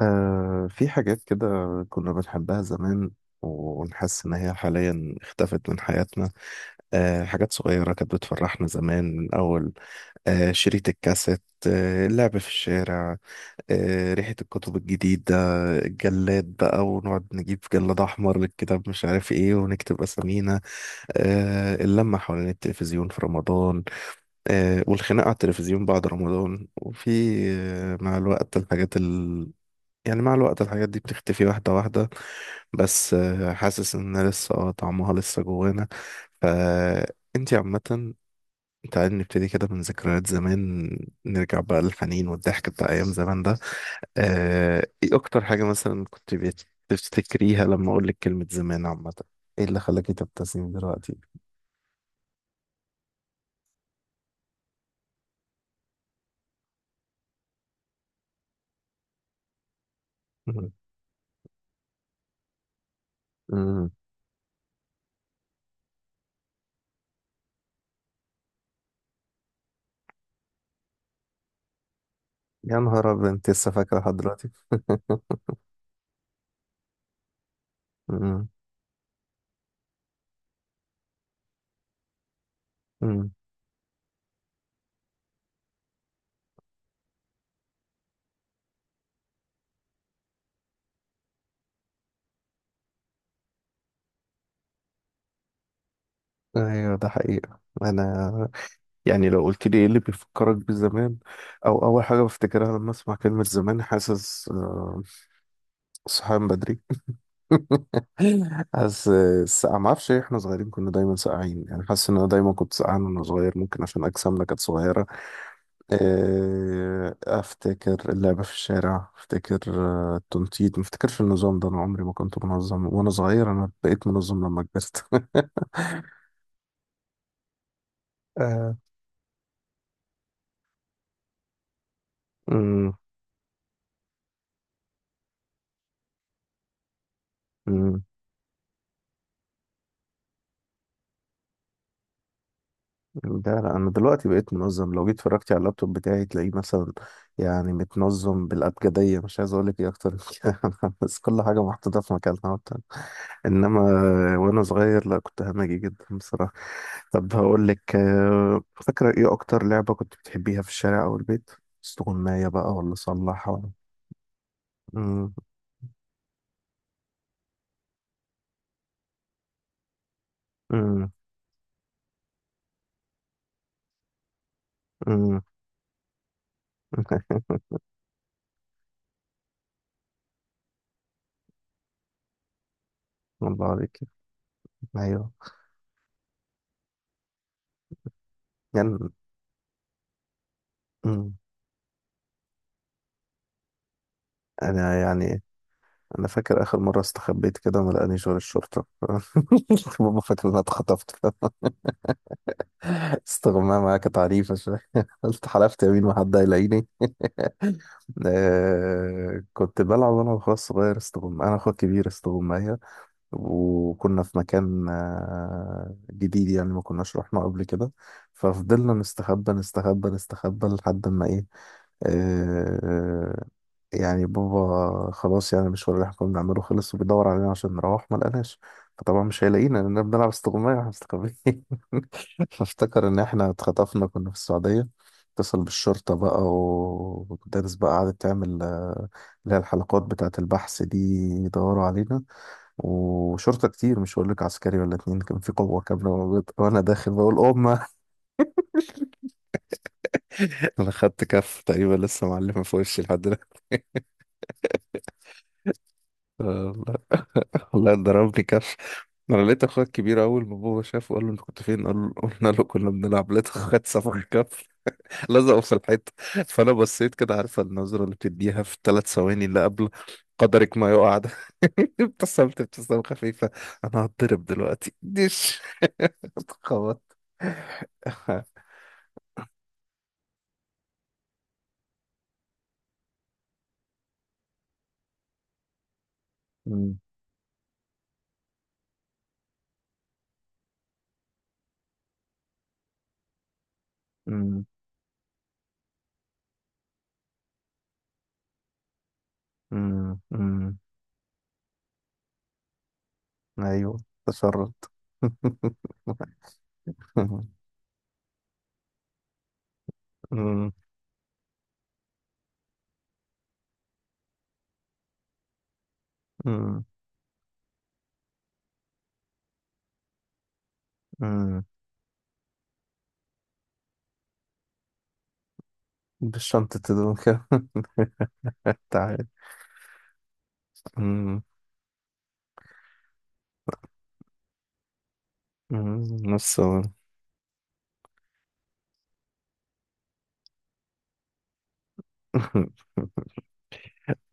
في حاجات كده كنا بنحبها زمان، ونحس إن هي حاليا اختفت من حياتنا. حاجات صغيرة كانت بتفرحنا زمان، من أول شريط الكاسيت، اللعب في الشارع، ريحة الكتب الجديدة، الجلاد بقى، ونقعد نجيب جلاد أحمر للكتاب مش عارف إيه، ونكتب أسامينا، اللمة حوالين التلفزيون في رمضان، والخناقة على التلفزيون بعد رمضان، وفي مع الوقت الحاجات، يعني مع الوقت الحاجات دي بتختفي واحدة واحدة. بس حاسس ان لسه طعمها لسه جوانا. فانتي عامة، تعالي نبتدي كده من ذكريات زمان، نرجع بقى للحنين والضحك بتاع أيام زمان ده. ايه أكتر حاجة مثلا كنت بتفتكريها لما أقول لك كلمة زمان؟ عامة، ايه اللي خلاكي تبتسمي دلوقتي؟ مم. مم. يا نهار أبيض، انت لسه فاكرة لحد دلوقتي؟ مم. مم. ايوه، ده حقيقة. انا يعني لو قلت لي ايه اللي بيفكرك بزمان او اول حاجه بفتكرها لما اسمع كلمه زمان، حاسس صحيان بدري. حاسس السقعه. ما اعرفش ليه احنا صغيرين كنا دايما ساقعين، يعني حاسس ان انا دايما كنت سقعان وانا صغير، ممكن عشان اجسامنا كانت صغيره. افتكر اللعب في الشارع، افتكر التنطيط. ما افتكرش النظام ده، انا عمري ما كنت منظم وانا صغير، انا بقيت منظم لما كبرت. آه، مم، مم. ده لا، انا دلوقتي بقيت منظم، لو جيت اتفرجتي على اللابتوب بتاعي تلاقيه مثلا يعني متنظم بالابجديه، مش عايز اقول لك ايه اكتر من كده. بس كل حاجه محطوطه في مكانها وبتاع. انما وانا صغير، لا، كنت همجي جدا بصراحه. طب هقول لك فاكره ايه اكتر لعبه كنت بتحبيها في الشارع او البيت؟ استغمايه بقى، ولا صلاح، ولا؟ مم، مم، مم. الله عليك. ايوه، يعني مم. انا يعني انا فاكر اخر مره استخبيت كده وما لقانيش غير الشرطه. بابا فاكر ان انا اتخطفت. استغمام معايا كانت عنيفه شويه. قلت حلفت يمين ما حد هيلاقيني. كنت بلعب انا واخويا الصغير استغم، انا اخويا الكبير استغمايه، وكنا في مكان جديد، يعني ما كناش رحنا قبل كده، ففضلنا نستخبى نستخبى نستخبى لحد ما ايه. آه، يعني بابا خلاص يعني المشوار اللي احنا كنا بنعمله خلص، وبيدور علينا عشان نروح، ما لقناش. فطبعا مش هيلاقينا لأننا بنلعب استغماية واحنا مستخبيين. فافتكر إن احنا اتخطفنا، كنا في السعودية، اتصل بالشرطة بقى، والمدرس بقى قعدت تعمل اللي هي الحلقات بتاعة البحث دي، يدوروا علينا، وشرطة كتير، مش هقول لك عسكري ولا اتنين، كان في قوة كاملة موجودة، وأنا داخل بقول أمه. أنا خدت كف تقريبا لسه معلمة في وشي لحد دلوقتي، والله ضربني كف. انا لقيت اخويا الكبير اول ما بابا شافه قال له انت كنت فين، قال له قلنا له كنا بنلعب، لقيت اخويا صفخ كف. لزقه في الحيط. فانا بصيت كده، عارفه النظره اللي بتديها في الثلاث ثواني اللي قبل قدرك ما يقع ده. ابتسمت ابتسامه خفيفه. انا هتضرب دلوقتي ديش. اتخبط. أمم، أمم، أمم، أمم. ايوه، تشرد. أمم، أمم، أمم. بشنطة هدوم كده. التعب. أمم، أمم، لسه.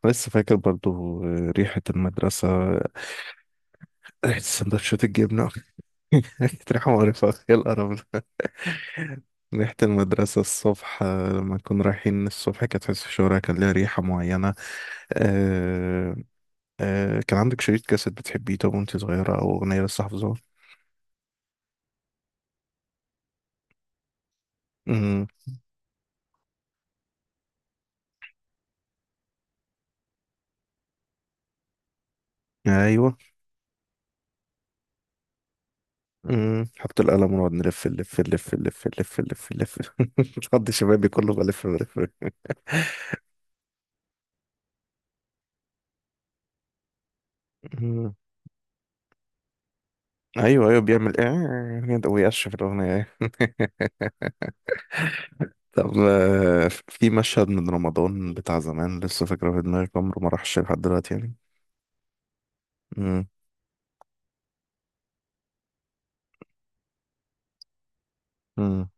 لسه فاكر برضو ريحة المدرسة، ريحة سندوتشات الجبنة، ريحة مقرفة، يا القرف ده. ريحة المدرسة الصبح، لما كنا رايحين الصبح، كانت تحس الشوارع كان ليها ريحة معينة. آه كان عندك شريط كاسيت بتحبيه؟ طب وانت صغيرة أو أغنية لسه حافظاها؟ أمم، أيوه. أمم، حط القلم ونقعد نلف نلف نلف نلف نلف نلف، نقضي شبابي كله بلف بلف. ايوه ايوه، بيعمل ايه ويأشف الاغنيه ايه. طب في مشهد من رمضان بتاع زمان لسه فاكره في دماغي عمره ما راحش لحد دلوقتي يعني؟ امم. امم.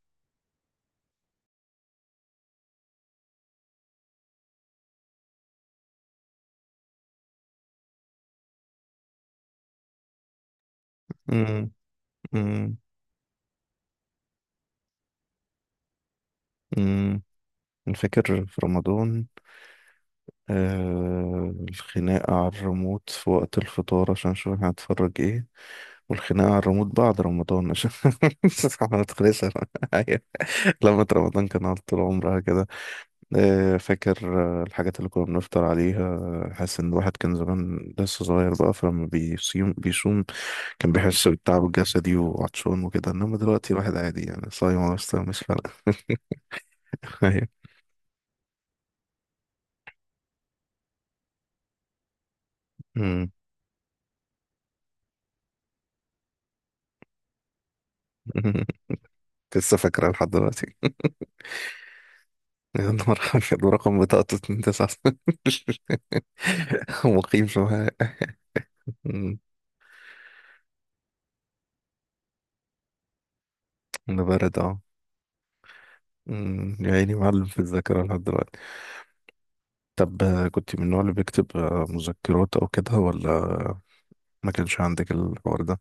امم. امم. امم. فاكر في رمضان الخناقة على الريموت في وقت الفطار عشان نشوف احنا هنتفرج ايه، والخناقة على الريموت بعد رمضان عشان ما تخلصش. أيوة. لما رمضان كان على طول عمرها كده. فاكر الحاجات اللي كنا بنفطر عليها. حاسس ان الواحد كان زمان لسه صغير بقى، فلما بيصوم بيصوم كان بيحس بالتعب الجسدي وعطشان وكده، انما دلوقتي الواحد عادي، يعني صايم ولا مش صايم مش فارقة. أيوة. أمم. لسه فاكرة لحد دلوقتي. يا نهار أبيض، ورقم بطاقته 29. مقيم في معايا. أمم. أنا بارد أهو. أمم. يا عيني، معلم في الذاكرة لحد دلوقتي. طب كنت من النوع اللي بيكتب مذكرات، أو كده، ولا ما كانش عندك الحوار ده؟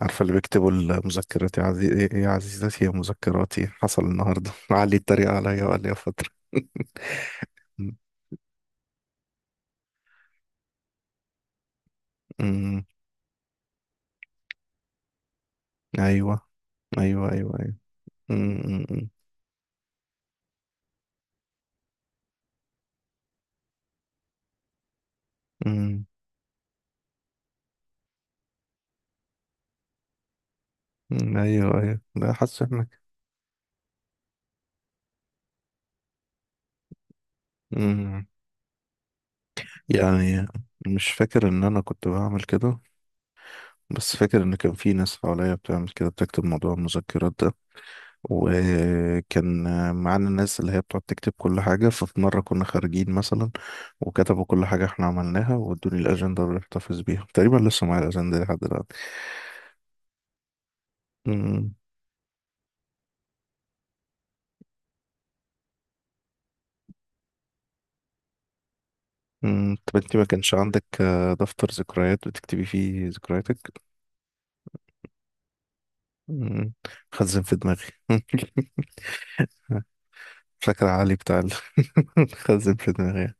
عارفة اللي بيكتبوا مذكراتي إيه، إيه، يا عزيزتي يا مذكراتي، حصل النهاردة علي اتريق عليا، وقال لي يا فترة. أمم، أيوة أيوة أيوة أيوة. أمم، أمم، أمم، أمم، أيوة أيوة. لا حاسس إنك أمم، يعني مش فاكر إن أنا كنت بعمل كده، بس فاكر إن كان في ناس حواليا بتعمل كده بتكتب موضوع المذكرات ده. وكان معانا الناس اللي هي بتقعد تكتب كل حاجة، ففي مرة كنا خارجين مثلا، وكتبوا كل حاجة احنا عملناها، وادوني الأجندة اللي احتفظ بيها، تقريبا لسه معايا الأجندة دي لحد دلوقتي. أمم، أمم، طب انت ما كانش عندك دفتر ذكريات بتكتبي فيه ذكرياتك؟ أمم، خزن في دماغي. فاكر علي بتاع خزن في دماغي.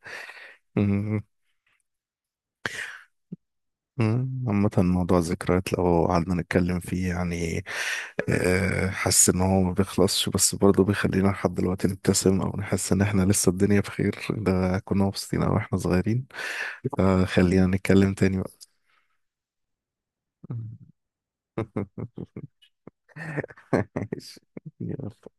أمم، أمم، عامة موضوع الذكريات لو قعدنا نتكلم فيه، يعني حاسس ان هو ما بيخلصش، بس برضه بيخلينا لحد دلوقتي نبتسم او نحس ان احنا لسه الدنيا بخير، ده كنا مبسوطين او احنا صغيرين. فخلينا نتكلم تاني بقى. ماشي. يلا.